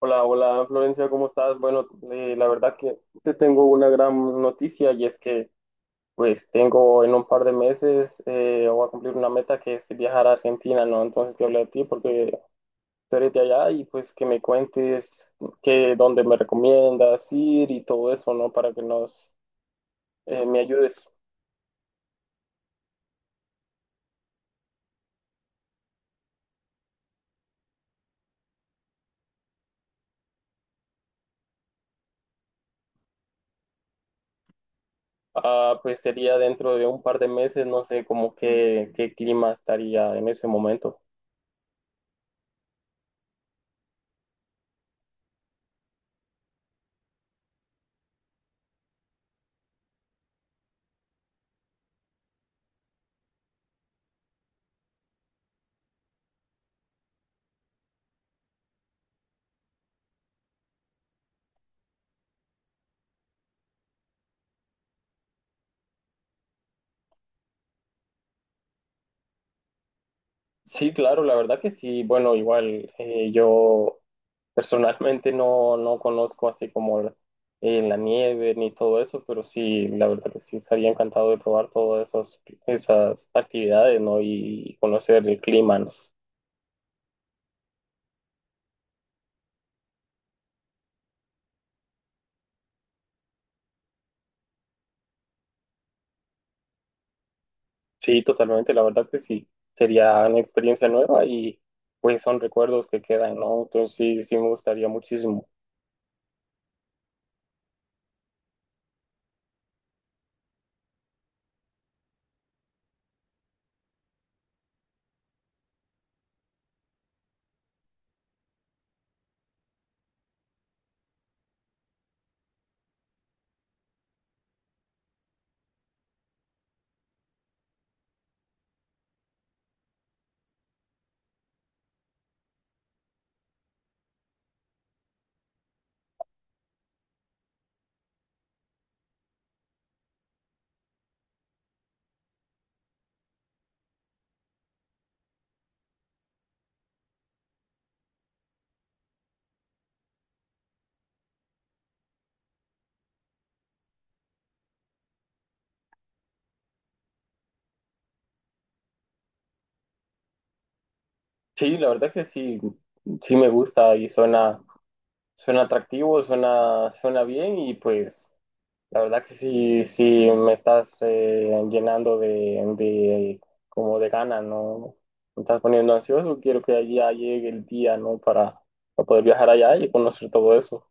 Hola, hola Florencia, ¿cómo estás? Bueno, la verdad que te tengo una gran noticia y es que pues tengo en un par de meses voy a cumplir una meta que es viajar a Argentina, ¿no? Entonces te hablé a ti porque tú eres de allá y pues que me cuentes que dónde me recomiendas ir y todo eso, ¿no? Para que nos me ayudes. Ah, pues sería dentro de un par de meses, no sé, como que qué clima estaría en ese momento. Sí, claro, la verdad que sí. Bueno, igual yo personalmente no conozco así como la nieve ni todo eso, pero sí, la verdad que sí estaría encantado de probar esas actividades, ¿no? Y conocer el clima, ¿no? Sí, totalmente, la verdad que sí. Sería una experiencia nueva y pues son recuerdos que quedan, ¿no? Entonces sí, sí me gustaría muchísimo. Sí, la verdad que sí, sí me gusta y suena atractivo, suena bien y pues... La verdad que sí, sí me estás llenando de como de ganas, ¿no? Me estás poniendo ansioso, quiero que allá llegue el día, ¿no? Para poder viajar allá y conocer todo eso.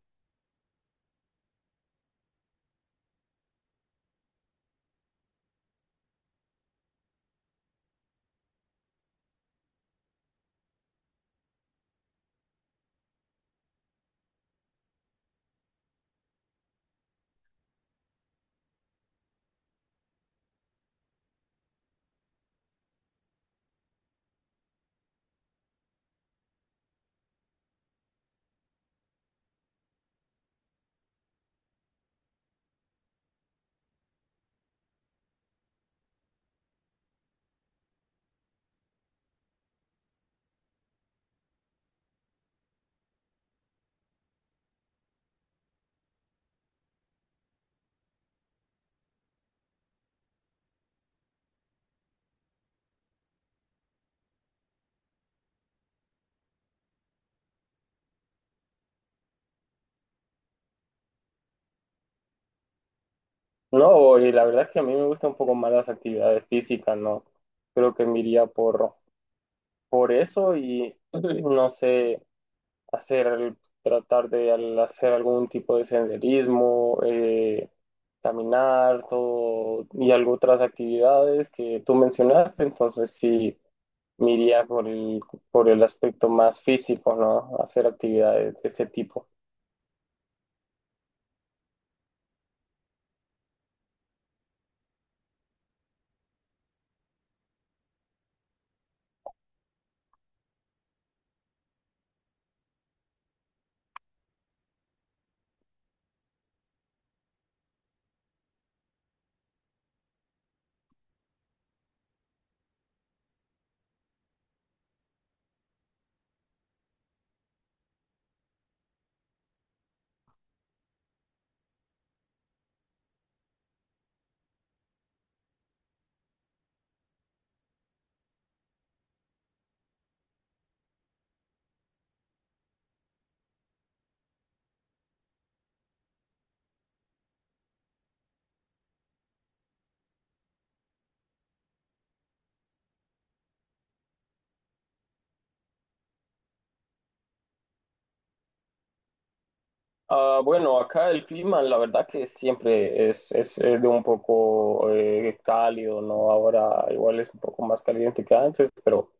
No, y la verdad que a mí me gustan un poco más las actividades físicas, ¿no? Creo que me iría por eso y no sé. Hacer, tratar de hacer algún tipo de senderismo, caminar, todo, y algo otras actividades que tú mencionaste, entonces sí me iría por por el aspecto más físico, ¿no? Hacer actividades de ese tipo. Ah, bueno, acá el clima, la verdad que siempre es, de un poco cálido, ¿no? Ahora igual es un poco más caliente que antes, pero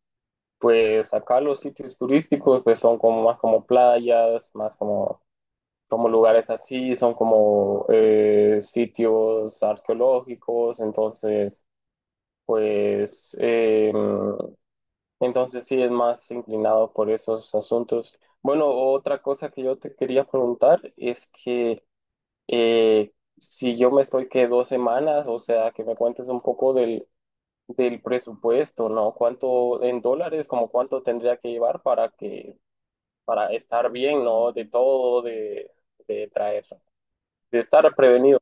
pues acá los sitios turísticos pues son como más como como lugares así, son como sitios arqueológicos, entonces pues eh, entonces sí es más inclinado por esos asuntos. Bueno, otra cosa que yo te quería preguntar es que eh, si yo me estoy que dos semanas, o sea, que me cuentes un poco del presupuesto, ¿no? ¿Cuánto en dólares, como cuánto tendría que llevar para que para estar bien, ¿no? De todo, de traer, de estar prevenido.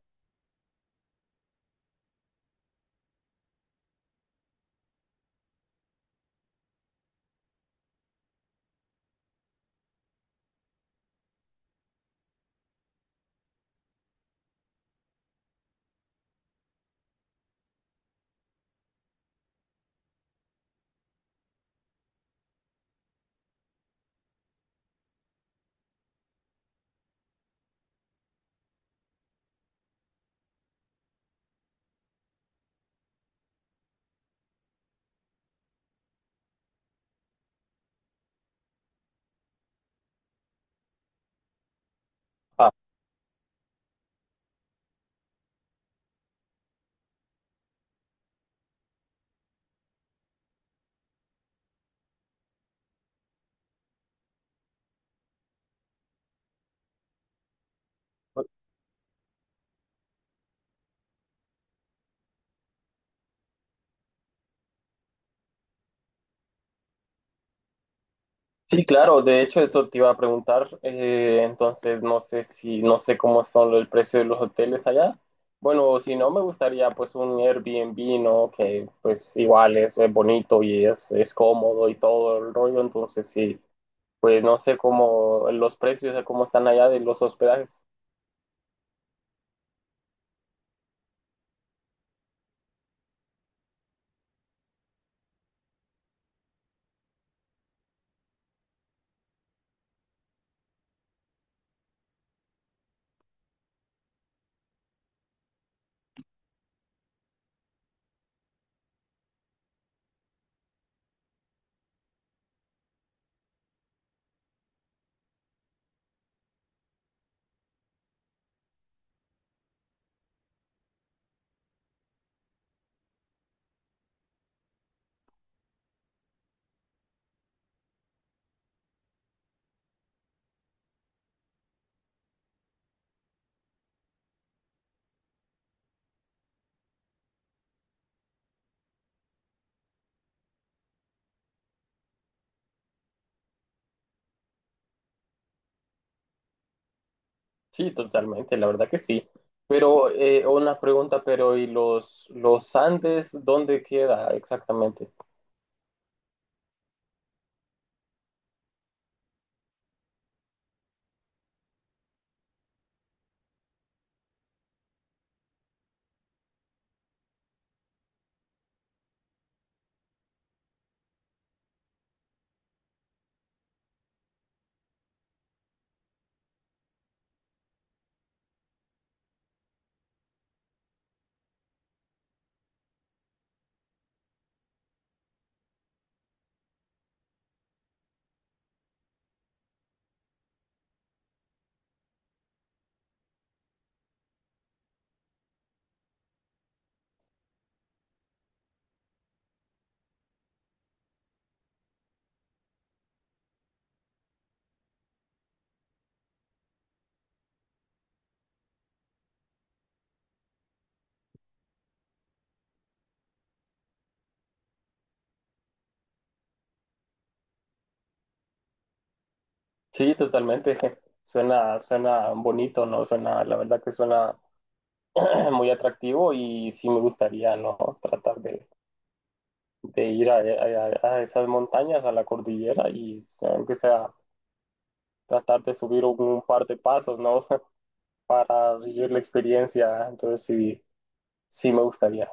Ah, sí, claro, de hecho eso te iba a preguntar, entonces no sé si, no sé cómo son el precio de los hoteles allá. Bueno, si no, me gustaría pues un Airbnb, ¿no? Que pues igual es, bonito y es cómodo y todo el rollo, entonces sí, pues no sé cómo los precios, cómo están allá de los hospedajes. Sí, totalmente, la verdad que sí. Pero una pregunta, pero ¿y los Andes dónde queda exactamente? Sí, totalmente. Suena bonito, ¿no? Suena, la verdad que suena muy atractivo y sí me gustaría, ¿no? Tratar de ir a, a esas montañas, a la cordillera y aunque sea tratar de subir un par de pasos, ¿no? Para vivir la experiencia. Entonces sí, sí me gustaría.